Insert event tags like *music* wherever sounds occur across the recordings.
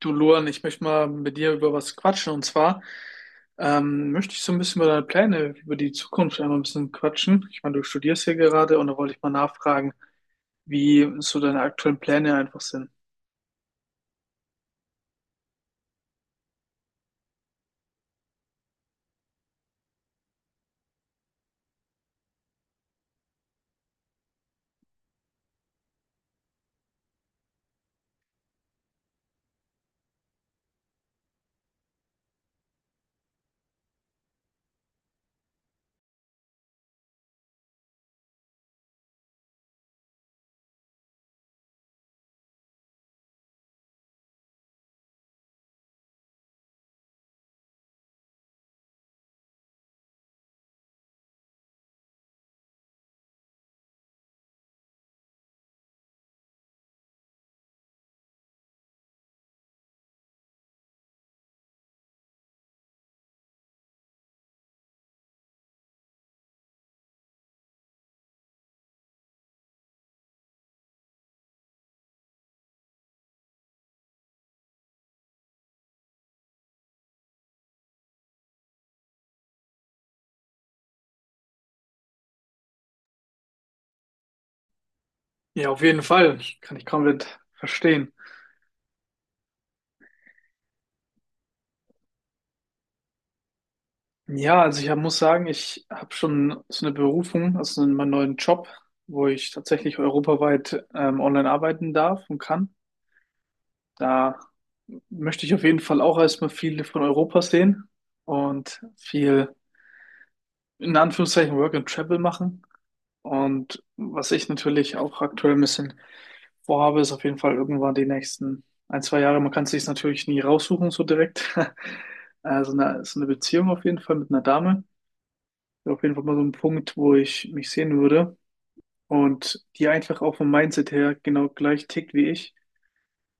Du Luan, ich möchte mal mit dir über was quatschen, und zwar möchte ich so ein bisschen über deine Pläne, über die Zukunft einmal ein bisschen quatschen. Ich meine, du studierst hier gerade, und da wollte ich mal nachfragen, wie so deine aktuellen Pläne einfach sind. Ja, auf jeden Fall. Kann ich komplett verstehen. Ja, also ich hab, muss sagen, ich habe schon so eine Berufung, also in meinem neuen Job, wo ich tatsächlich europaweit online arbeiten darf und kann. Da möchte ich auf jeden Fall auch erstmal viel von Europa sehen und viel in Anführungszeichen Work and Travel machen. Und was ich natürlich auch aktuell ein bisschen vorhabe, ist auf jeden Fall irgendwann die nächsten ein, zwei Jahre. Man kann es sich natürlich nie raussuchen, so direkt. *laughs* Also eine, so eine Beziehung auf jeden Fall mit einer Dame. Wäre auf jeden Fall mal so ein Punkt, wo ich mich sehen würde. Und die einfach auch vom Mindset her genau gleich tickt wie ich.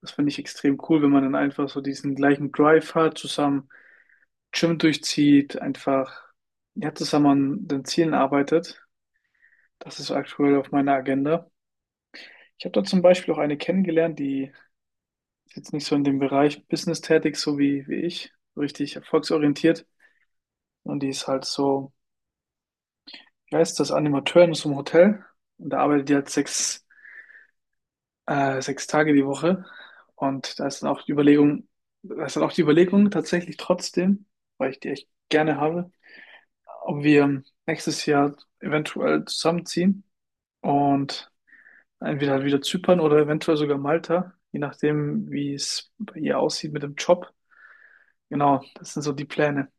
Das finde ich extrem cool, wenn man dann einfach so diesen gleichen Drive hat, zusammen Gym durchzieht, einfach ja, zusammen an den Zielen arbeitet. Das ist aktuell auf meiner Agenda. Ich habe da zum Beispiel auch eine kennengelernt, die ist jetzt nicht so in dem Bereich Business tätig, so wie, wie ich, so richtig erfolgsorientiert. Und die ist halt so, wie heißt das, Animateurin aus dem Hotel. Und da arbeitet die halt sechs Tage die Woche. Und da ist dann auch die Überlegung, da ist dann auch die Überlegung tatsächlich trotzdem, weil ich die echt gerne habe, ob wir nächstes Jahr eventuell zusammenziehen. Und entweder halt wieder Zypern oder eventuell sogar Malta, je nachdem, wie es bei ihr aussieht mit dem Job. Genau, das sind so die Pläne.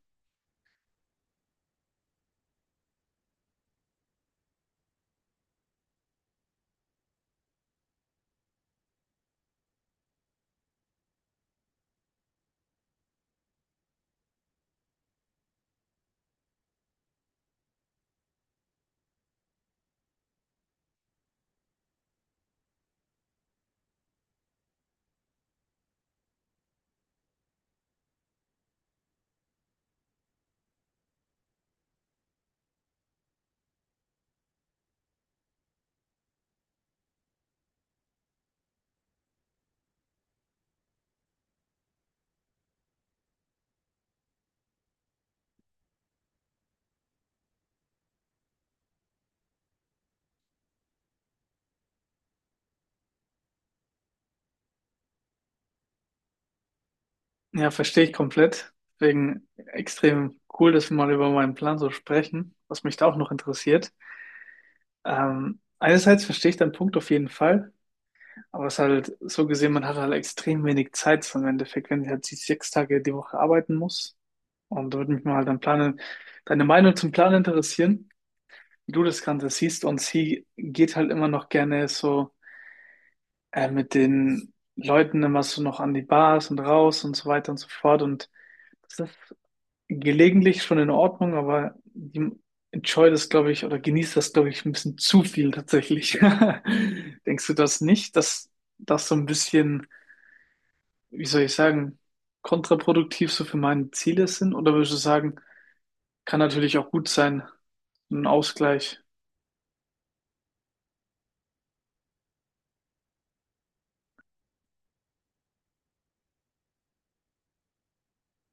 Ja, verstehe ich komplett. Deswegen extrem cool, dass wir mal über meinen Plan so sprechen, was mich da auch noch interessiert. Einerseits verstehe ich deinen Punkt auf jeden Fall, aber es ist halt so gesehen, man hat halt extrem wenig Zeit so im Endeffekt, wenn ich halt die 6 Tage die Woche arbeiten muss. Und da würde mich mal halt dein Plan, deine Meinung zum Plan interessieren. Du das Ganze siehst, und sie geht halt immer noch gerne so mit den Leuten immer so noch an die Bars und raus und so weiter und so fort. Und das ist gelegentlich schon in Ordnung, aber die enjoy das, glaube ich, oder genießt das, glaube ich, ein bisschen zu viel tatsächlich. *laughs* Denkst du das nicht, dass das so ein bisschen, wie soll ich sagen, kontraproduktiv so für meine Ziele sind? Oder würdest du sagen, kann natürlich auch gut sein, ein Ausgleich?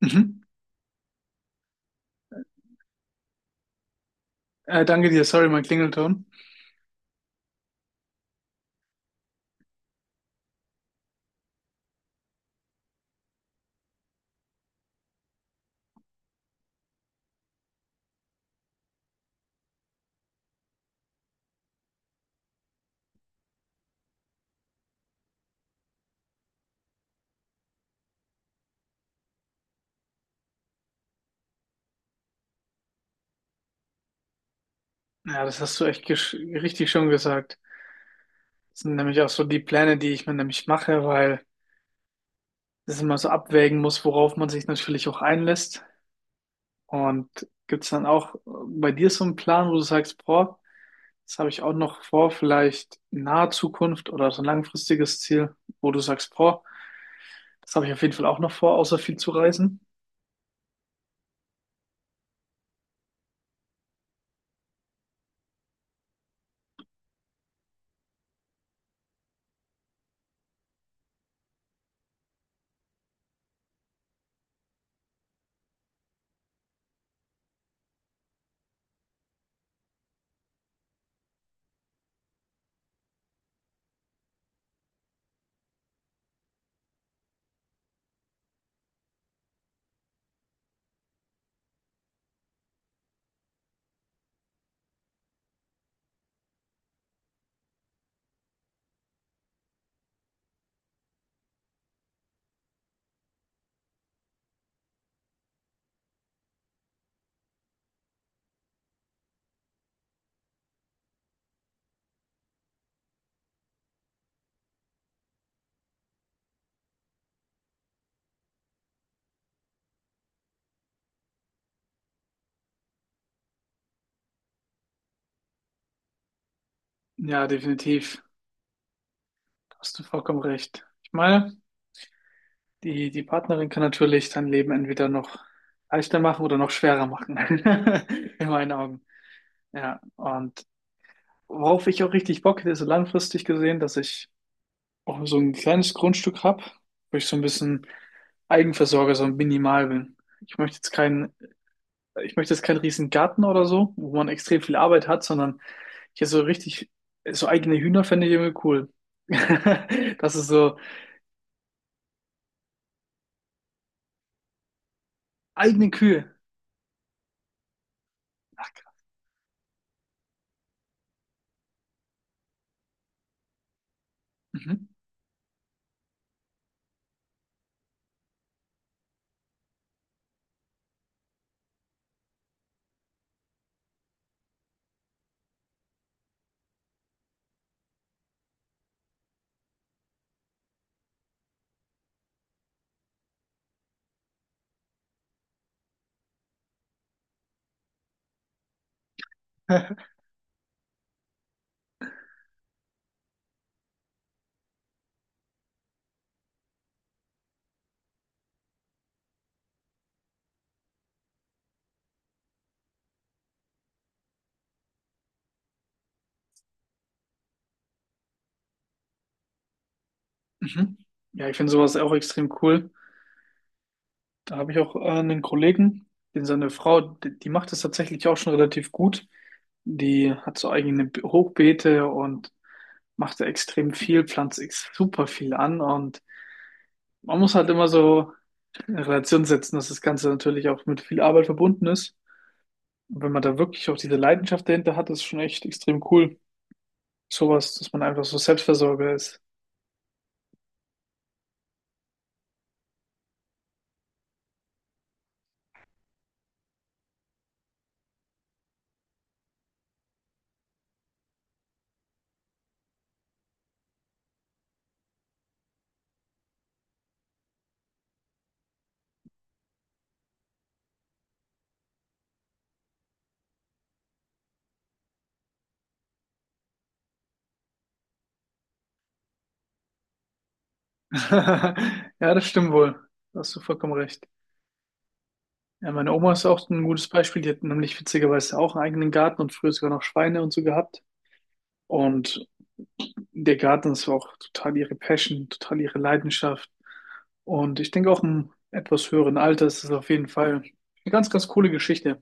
Mhm. Danke dir, sorry, mein Klingelton. Ja, das hast du echt richtig schon gesagt. Das sind nämlich auch so die Pläne, die ich mir nämlich mache, weil das immer so abwägen muss, worauf man sich natürlich auch einlässt. Und gibt's dann auch bei dir so einen Plan, wo du sagst, boah, das habe ich auch noch vor, vielleicht in naher Zukunft oder so ein langfristiges Ziel, wo du sagst, boah, das habe ich auf jeden Fall auch noch vor, außer viel zu reisen? Ja, definitiv. Da hast du vollkommen recht. Ich meine, die, die Partnerin kann natürlich dein Leben entweder noch leichter machen oder noch schwerer machen. *laughs* In meinen Augen. Ja, und worauf ich auch richtig Bock hätte, ist so langfristig gesehen, dass ich auch so ein kleines Grundstück habe, wo ich so ein bisschen Eigenversorger, so minimal bin. Ich möchte jetzt keinen, ich möchte jetzt keinen riesen Garten oder so, wo man extrem viel Arbeit hat, sondern hier so richtig, so eigene Hühner fände ich irgendwie cool. *laughs* Das ist so eigene Kühe. Ach, mhm. *laughs* Mhm. Ja, ich finde sowas auch extrem cool. Da habe ich auch einen Kollegen, den seine Frau, die macht das tatsächlich auch schon relativ gut. Die hat so eigene Hochbeete und macht da extrem viel, pflanzt ex super viel an, und man muss halt immer so in Relation setzen, dass das Ganze natürlich auch mit viel Arbeit verbunden ist. Und wenn man da wirklich auch diese Leidenschaft dahinter hat, ist schon echt extrem cool. Sowas, dass man einfach so Selbstversorger ist. *laughs* Ja, das stimmt wohl. Da hast du vollkommen recht. Ja, meine Oma ist auch ein gutes Beispiel. Die hat nämlich witzigerweise auch einen eigenen Garten und früher sogar noch Schweine und so gehabt. Und der Garten ist auch total ihre Passion, total ihre Leidenschaft. Und ich denke auch im etwas höheren Alter ist es auf jeden Fall eine ganz, ganz coole Geschichte.